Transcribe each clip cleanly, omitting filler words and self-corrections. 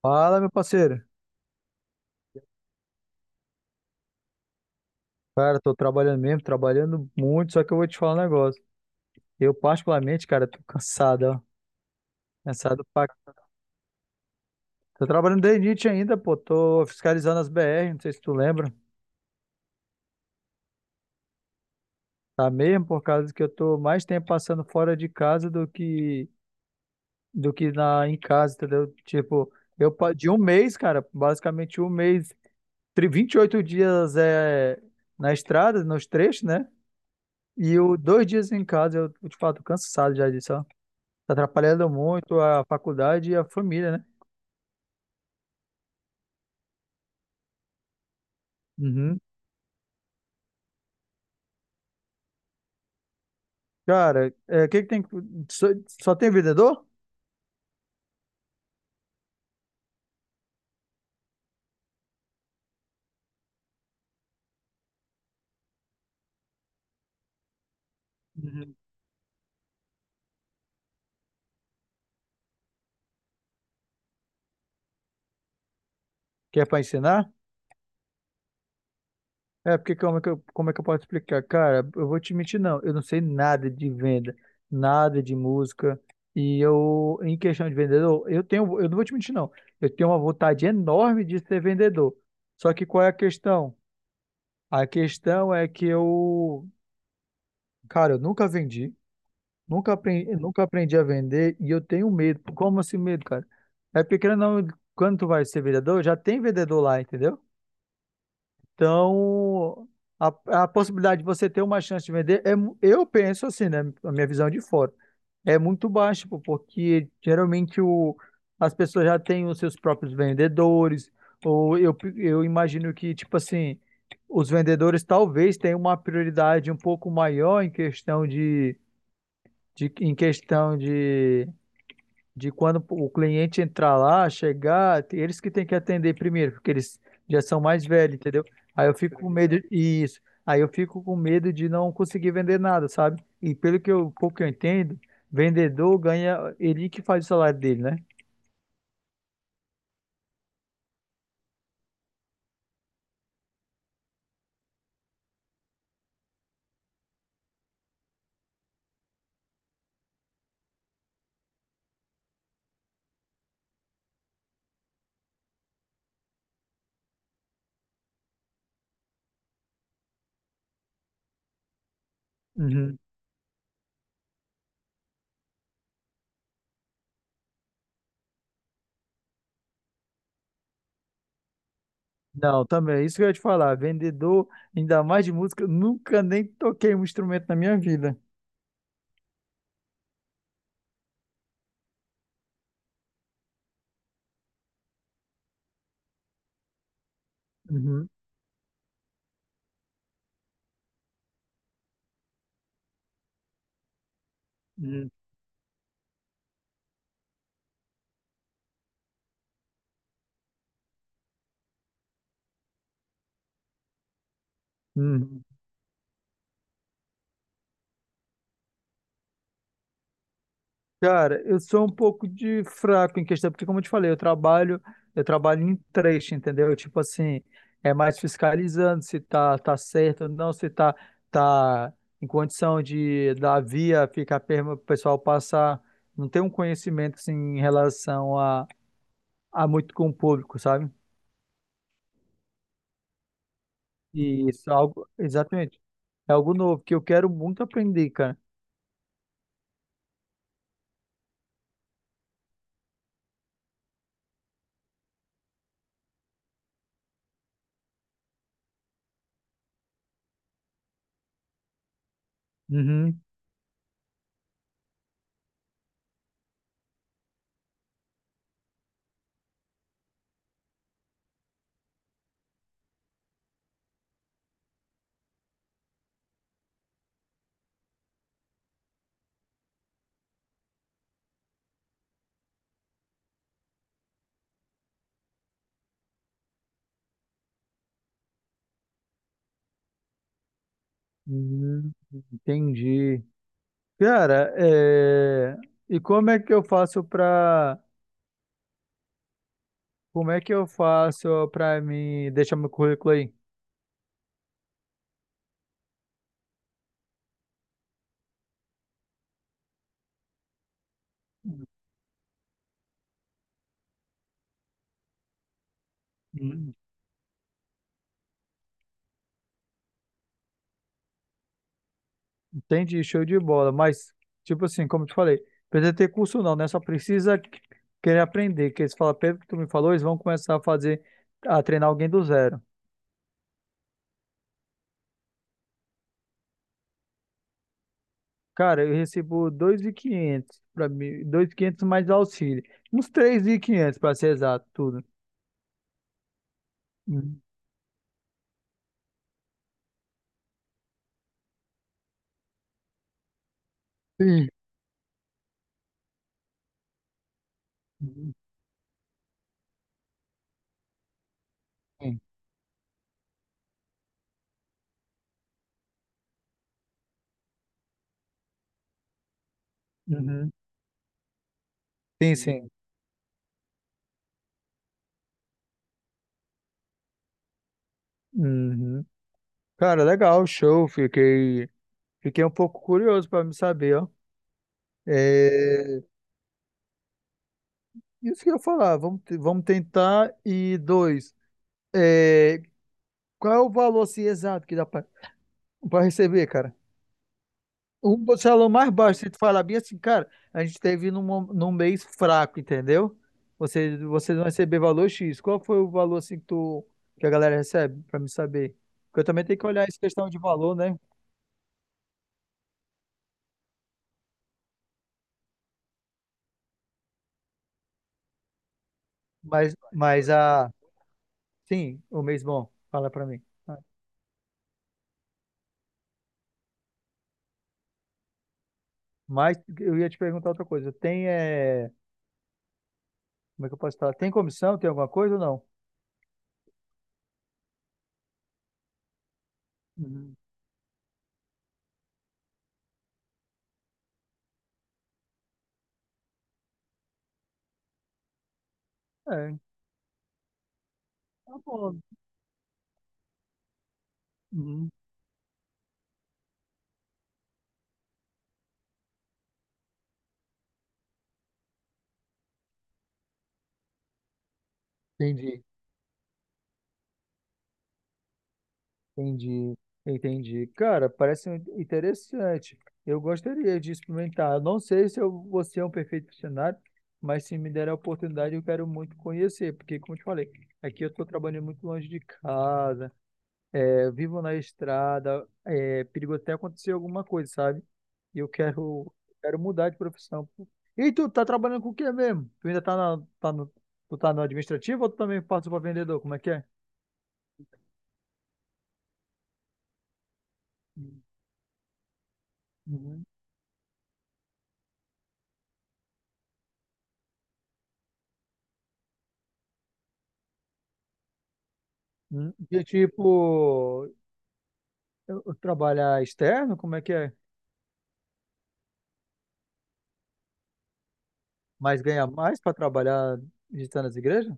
Fala, meu parceiro. Cara, tô trabalhando mesmo, trabalhando muito, só que eu vou te falar um negócio. Eu, particularmente, cara, tô cansado, ó. Cansado pra... Tô trabalhando desde Nietzsche ainda, pô. Tô fiscalizando as BR, não sei se tu lembra. Tá mesmo por causa que eu tô mais tempo passando fora de casa do que na em casa, entendeu? Tipo, de um mês, cara, basicamente um mês, 28 dias é na estrada, nos trechos, né? E o dois dias em casa, eu te falo, tô cansado já disso, ó. Tá atrapalhando muito a faculdade e a família, né? Uhum. Cara, é, o que que tem. Só, só tem vendedor? Uhum. Que é pra ensinar? É, porque como é que eu posso explicar? Cara, eu vou te mentir, não. Eu não sei nada de venda, nada de música. E eu, em questão de vendedor, eu tenho, eu não vou te mentir, não. Eu tenho uma vontade enorme de ser vendedor. Só que qual é a questão? A questão é que eu, cara, eu nunca vendi. Nunca aprendi, nunca aprendi a vender e eu tenho medo. Como assim medo, cara? É porque querendo ou não, quando tu vai ser vendedor, já tem vendedor lá, entendeu? Então, a possibilidade de você ter uma chance de vender, é, eu penso assim, né? A minha visão é de fora, é muito baixa, pô, porque geralmente o, as pessoas já têm os seus próprios vendedores, ou eu imagino que, tipo assim, os vendedores talvez tenham uma prioridade um pouco maior em questão de em questão de quando o cliente entrar lá, chegar, eles que têm que atender primeiro, porque eles já são mais velhos, entendeu? Aí eu fico com medo, isso. Aí eu fico com medo de não conseguir vender nada, sabe? E pelo que eu, pouco que eu entendo, vendedor ganha, ele que faz o salário dele, né? Uhum. Não, também, é isso que eu ia te falar. Vendedor, ainda mais de música, eu nunca nem toquei um instrumento na minha vida. Uhum. Uhum. Uhum. Cara, eu sou um pouco de fraco em questão, porque como eu te falei, eu trabalho em trecho, entendeu? Tipo assim, é mais fiscalizando se tá, tá certo ou não, se tá, tá em condição de da via ficar perma, o pessoal passar, não tem um conhecimento assim, em relação a muito com o público, sabe? E isso é algo, exatamente, é algo novo que eu quero muito aprender, cara. Uhum, uhum, entendi. Cara, é, e como é que eu faço pra. Como é que eu faço pra mim deixar meu currículo aí? Hum. Entendi, show de bola. Mas, tipo assim, como eu te falei, precisa ter curso não, né? Só precisa querer aprender. Que eles falam, pelo que tu me falou, eles vão começar a fazer, a treinar alguém do zero. Cara, eu recebo 2.500 para mim, 2.500 mais auxílio. Uns 3.500 para ser exato, tudo. Hum. Sim. Hum. Uhum. Sim, sim. Uhum. Cara, legal, show. Fiquei, fiquei um pouco curioso para me saber, ó. É, isso que eu ia falar, vamos, vamos tentar. E dois, é, qual é o valor assim, exato que dá para receber, cara? O salão mais baixo, se tu falar bem assim, cara, a gente teve num, num mês fraco, entendeu? Você, vocês vão receber valor X. Qual foi o valor assim que, tu, que a galera recebe, para me saber? Porque eu também tenho que olhar essa questão de valor, né? Mas a. Sim, o mês bom. Fala para mim. Mas eu ia te perguntar outra coisa. Tem, é... como é que eu posso falar? Tem comissão? Tem alguma coisa ou não? Uhum. É, tá bom. Uhum. Entendi, entendi, entendi. Cara, parece interessante. Eu gostaria de experimentar. Eu não sei se eu vou ser um perfeccionário, mas se me der a oportunidade, eu quero muito conhecer, porque, como eu te falei, aqui eu estou trabalhando muito longe de casa, é, vivo na estrada, é perigo até acontecer alguma coisa, sabe? E eu quero, quero mudar de profissão, pô. E tu tá trabalhando com o quê mesmo? Tu ainda tá, na, tá no, tu tá no administrativo ou tu também passa pra vendedor? Como é que é? Uhum. De tipo, eu trabalhar externo, como é que é? Mas ganhar mais pra trabalhar visitando as igrejas?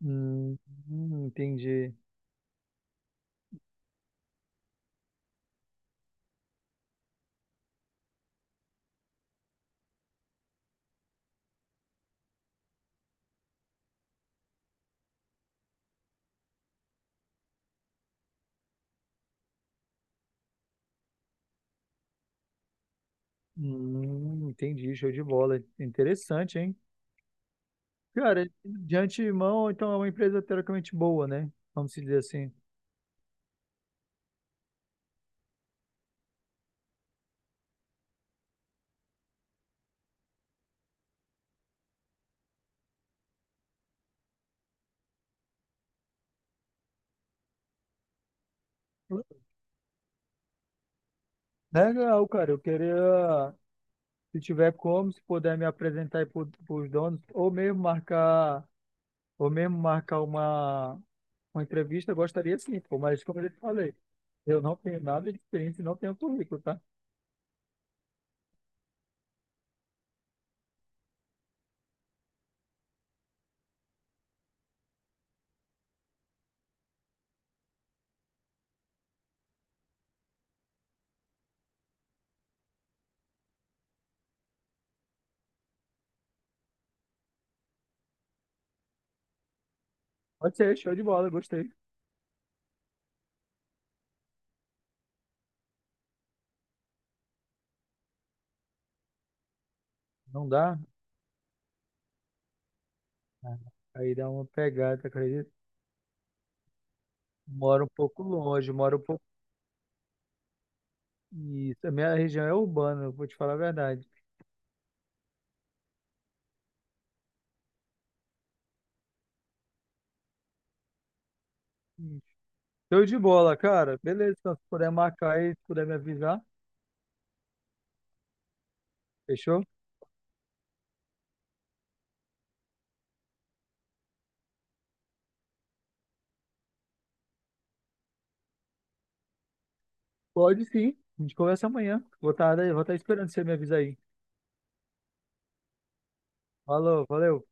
Hum, entendi. Entendi, show de bola. Interessante, hein? Cara, de antemão, então é uma empresa teoricamente boa, né? Vamos dizer assim. Legal, cara. Eu queria, se tiver como, se puder me apresentar aí para os donos, ou mesmo marcar uma entrevista, eu gostaria sim, pô. Mas como eu já te falei, eu não tenho nada de experiência e não tenho currículo, tá? Pode ser, show de bola, gostei. Não dá? Ah, aí dá uma pegada, acredito. Moro um pouco longe, moro um pouco. Isso, a minha região é urbana, eu vou te falar a verdade. Show de bola, cara. Beleza, então, se puder marcar aí, se puder me avisar, fechou? Pode sim. A gente conversa amanhã. Vou estar esperando você me avisar aí. Falou, valeu.